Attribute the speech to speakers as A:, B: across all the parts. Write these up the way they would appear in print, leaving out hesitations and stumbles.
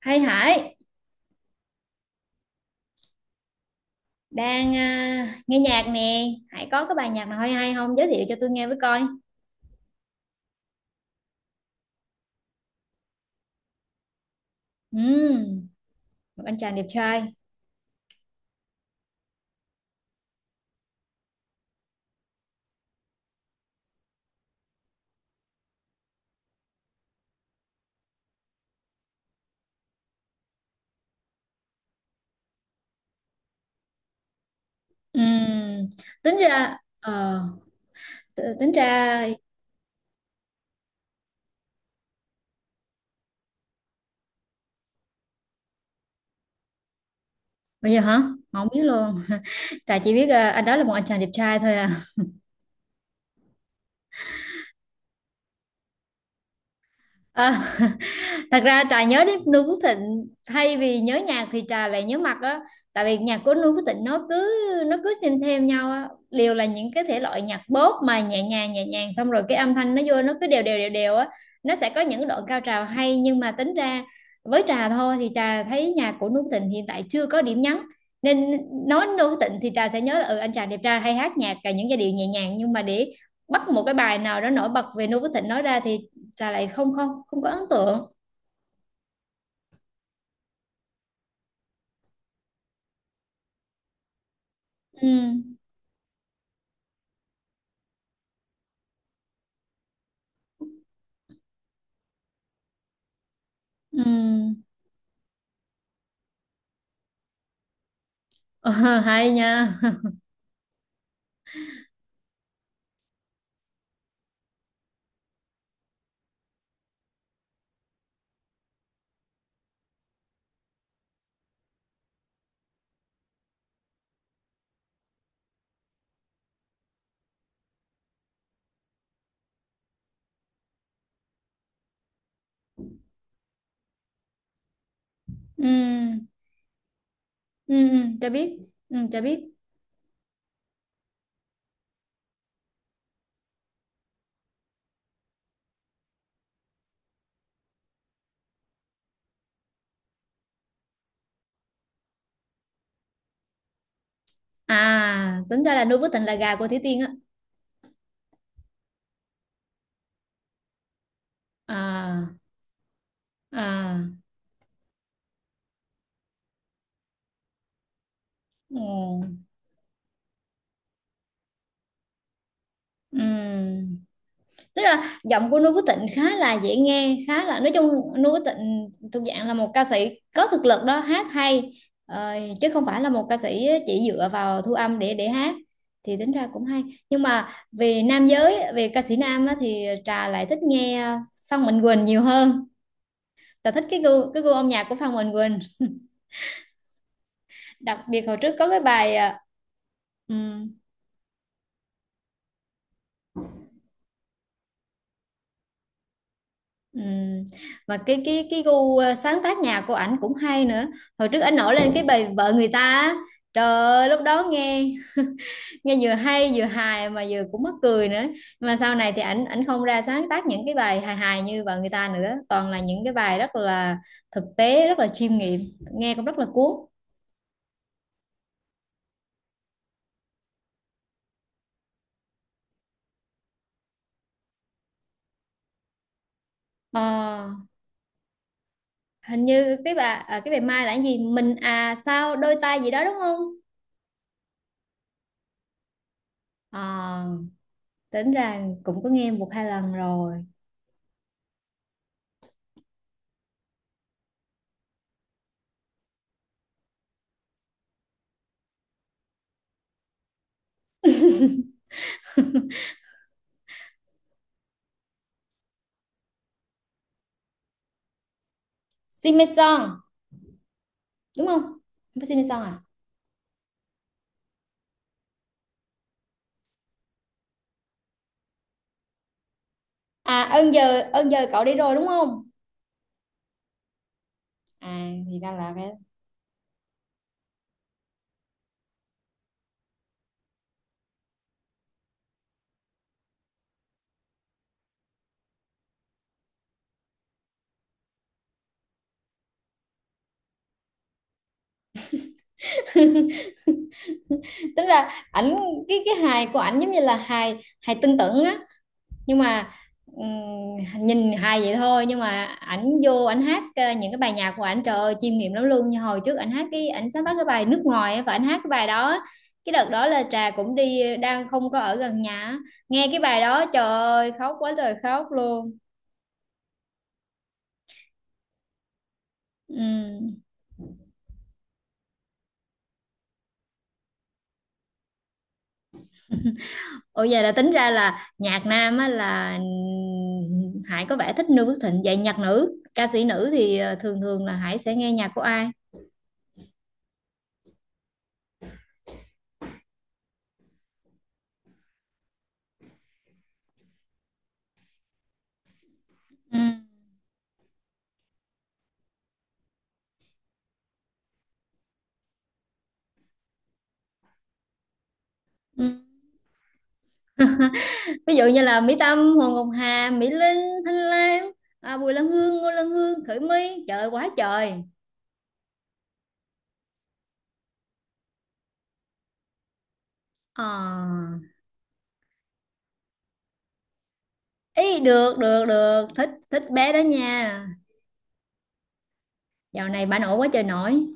A: Hay Hải nghe nhạc nè. Hải có cái bài nhạc nào hay hay không giới thiệu cho tôi nghe với coi. Ừm, một anh chàng đẹp trai. Ừm, tính ra tính ra bây giờ hả? Mà không biết luôn. Trà chỉ biết anh đó là một anh chàng đẹp trai thôi à, à. Thật ra trà nhớ đến Noo Phước Thịnh thay vì nhớ nhạc thì trà lại nhớ mặt á. Tại vì nhạc của Noo Phước Thịnh nó cứ xem nhau á, liều là những cái thể loại nhạc pop mà nhẹ nhàng xong rồi cái âm thanh nó vô nó cứ đều đều á. Nó sẽ có những đoạn cao trào hay nhưng mà tính ra với trà thôi thì trà thấy nhạc của Noo Phước Thịnh hiện tại chưa có điểm nhấn, nên nói Noo Phước Thịnh thì trà sẽ nhớ là ừ, anh chàng đẹp trai hay hát nhạc cả những giai điệu nhẹ nhàng, nhưng mà để bắt một cái bài nào đó nổi bật về Noo Phước Thịnh nói ra thì trà lại không không không có ấn tượng. Ừ. Ừ. Ờ, hay nha. ừ ừ. Ừ, cho biết. Ừ, cho biết. À, tính ra là nuôi với tình là gà của Thủy Tiên á. À. À. Ừ. Ừ. Tức là giọng của Noo Phước Thịnh khá là dễ nghe, khá là nói chung Noo Phước Thịnh thuộc dạng là một ca sĩ có thực lực đó, hát hay, ờ, chứ không phải là một ca sĩ chỉ dựa vào thu âm để hát, thì tính ra cũng hay. Nhưng mà về nam giới, về ca sĩ nam á, thì Trà lại thích nghe Phan Mạnh Quỳnh nhiều hơn. Trà thích cái gu âm nhạc của Phan Mạnh Quỳnh. Đặc biệt hồi trước có cái bài ừ. Ừ. Và cái gu, sáng tác nhạc của ảnh cũng hay nữa. Hồi trước ảnh nổi lên cái bài vợ người ta á. Trời ơi, lúc đó nghe nghe vừa hay vừa hài mà vừa cũng mắc cười nữa. Nhưng mà sau này thì ảnh ảnh không ra sáng tác những cái bài hài hài như vợ người ta nữa, toàn là những cái bài rất là thực tế, rất là chiêm nghiệm, nghe cũng rất là cuốn. Ờ, hình như cái bài cái bài Mai là cái gì mình, à, sao đôi ta gì đó đúng không? Ờ, tính ra cũng có nghe một hai lần rồi. Simmeson, đúng không? Không phải Simpson à? À, ơn giờ, ơn giờ cậu đi rồi đúng không? À, thì ra là cái tức là ảnh, cái hài của ảnh giống như là hài hài tưng tửng á, nhưng mà nhìn hài vậy thôi nhưng mà ảnh vô ảnh hát, những cái bài nhạc của ảnh trời ơi chiêm nghiệm lắm luôn, như hồi trước ảnh hát cái ảnh sáng tác cái bài nước ngoài á, và ảnh hát cái bài đó á. Cái đợt đó là trà cũng đi đang không có ở gần nhà á. Nghe cái bài đó trời ơi khóc quá trời khóc luôn. Ừ. Ủa vậy là tính ra là nhạc nam á là Hải có vẻ thích Noo Phước Thịnh. Vậy nhạc nữ, ca sĩ nữ thì thường thường là Hải sẽ nghe nhạc của ai? Ừ. Ừ. Ví dụ như là Mỹ Tâm, Hồ Ngọc Hà, Mỹ Linh, Thanh Lam, à, Bùi Lan Hương, Ngô Lan Hương, Khởi My. Trời ơi, quá trời. Ờ. Ý được, được, được. Thích, thích bé đó nha. Dạo này bà nổi quá trời nổi.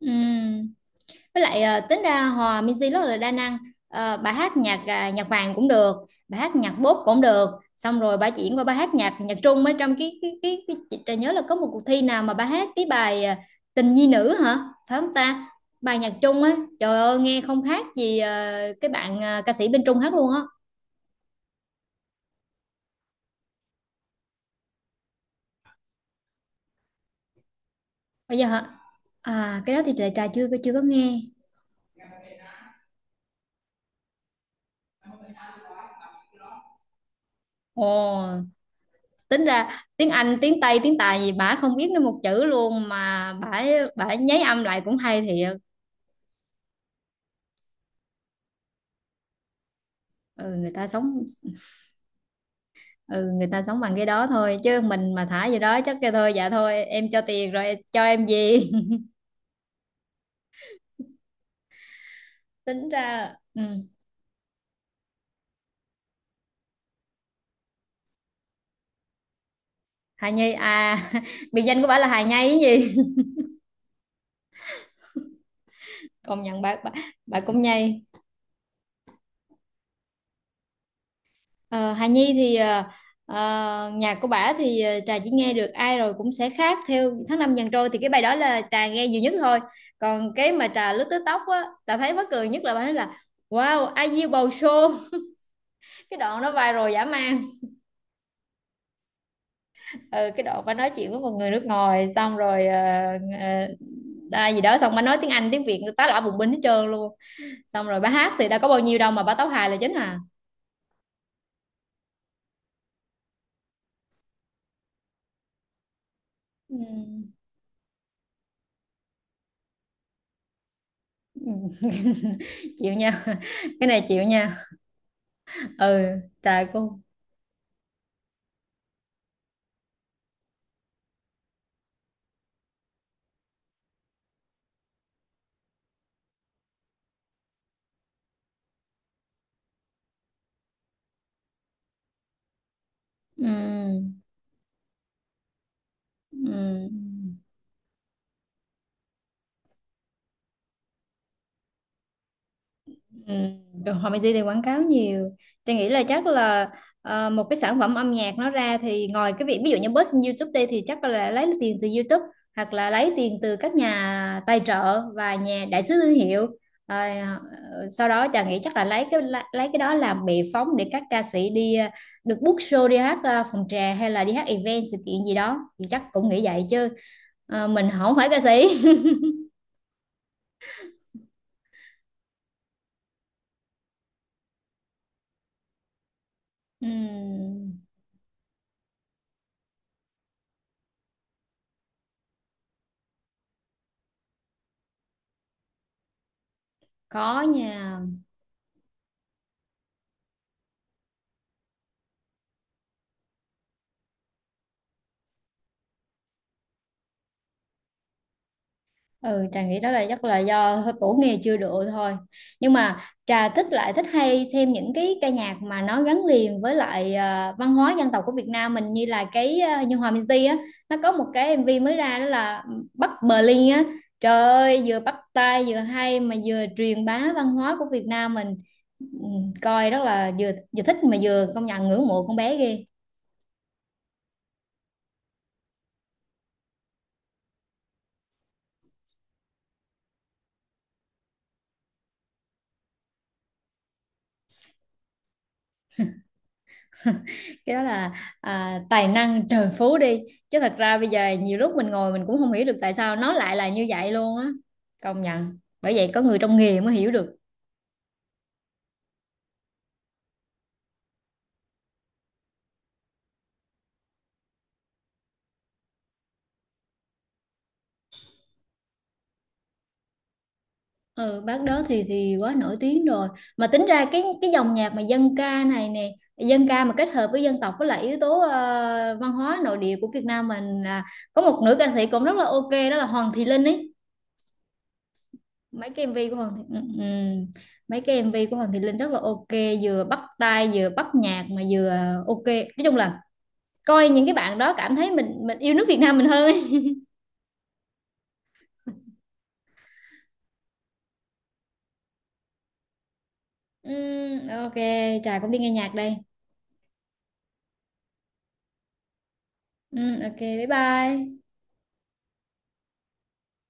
A: Ừ. Với lại tính ra Hòa Minzy rất là đa năng. Ờ, bà hát nhạc nhạc vàng cũng được, bà hát nhạc bốp cũng được, xong rồi bà chuyển qua bà hát nhạc nhạc Trung ở trong cái chị Trà nhớ là có một cuộc thi nào mà bà hát cái bài tình nhi nữ hả, phải không ta? Bài nhạc Trung á, trời ơi nghe không khác gì cái bạn ca sĩ bên Trung hát luôn á. Bây giờ hả? À, cái đó thì Trà Trà chưa chưa có nghe. Ồ, tính ra tiếng Anh tiếng Tây tiếng Tài gì bả không biết nữa một chữ luôn mà bả bả nháy âm lại cũng hay thiệt. Ừ, người ta sống. Ừ, người ta sống bằng cái đó thôi chứ mình mà thả gì đó chắc kêu thôi dạ thôi em cho tiền rồi cho em gì. Tính ra, ừ. Hà Nhi à? Biệt danh của bà là Hà Nhi cái gì? Công nhận bà, bà cũng nhây. Ờ, Hà Nhi thì nhạc của bà thì Trà chỉ nghe được ai rồi cũng sẽ khác theo tháng năm dần trôi, thì cái bài đó là Trà nghe nhiều nhất thôi. Còn cái mà Trà lướt TikTok á, Trà thấy mắc cười nhất là bà nói là wow I yêu bầu show. Cái đoạn đó viral dã man. Ừ, cái đoạn bà nói chuyện với một người nước ngoài xong rồi ờ, gì đó xong bà nói tiếng Anh tiếng Việt tá lả bùng binh hết trơn luôn, xong rồi bà hát thì đâu có bao nhiêu đâu mà bà tấu hài là chính à. Ừ. Chịu nha. Cái này chịu nha. Ừ, trời cô. Ừ. Ừ. Ừ, rồi họ Mỹ thì quảng cáo nhiều. Tôi nghĩ là chắc là một cái sản phẩm âm nhạc nó ra thì ngoài cái việc ví dụ như post trên YouTube đây thì chắc là lấy tiền từ YouTube, hoặc là lấy tiền từ các nhà tài trợ và nhà đại sứ thương hiệu. Ờ, sau đó chàng nghĩ chắc là lấy cái đó làm bệ phóng để các ca sĩ đi, được book show đi hát phòng trà hay là đi hát event sự kiện gì đó, thì chắc cũng nghĩ vậy chứ. Ờ, mình không phải ca sĩ. Ừm, có nha. Ừ, Trà nghĩ đó là chắc là do tổ nghề chưa độ thôi, nhưng mà Trà thích lại thích hay xem những cái ca nhạc mà nó gắn liền với lại văn hóa dân tộc của Việt Nam mình, như là cái như Hòa Minzy á, nó có một cái MV mới ra đó là Bắc Berlin á, trời ơi vừa bắt tai vừa hay mà vừa truyền bá văn hóa của Việt Nam mình. Ừ, coi rất là vừa vừa thích mà vừa công nhận ngưỡng mộ con bé ghê. Cái đó là, à, tài năng trời phú đi, chứ thật ra bây giờ nhiều lúc mình ngồi mình cũng không hiểu được tại sao nó lại là như vậy luôn á. Công nhận, bởi vậy có người trong nghề mới hiểu được. Ừ, bác đó thì quá nổi tiếng rồi. Mà tính ra cái dòng nhạc mà dân ca này nè, dân ca mà kết hợp với dân tộc với lại yếu tố văn hóa nội địa của Việt Nam mình là có một nữ ca sĩ cũng rất là ok, đó là Hoàng Thị Linh ấy. Mấy cái MV của Hoàng Thị, ừ, ừ. Mấy cái MV của Hoàng Thị Linh rất là ok, vừa bắt tai vừa bắt nhạc mà vừa ok, nói chung là coi những cái bạn đó cảm thấy mình yêu nước Việt Nam mình hơn ấy. Ừ, ok. Trà cũng đi nghe nhạc đây. Ừ, ok, bye bye.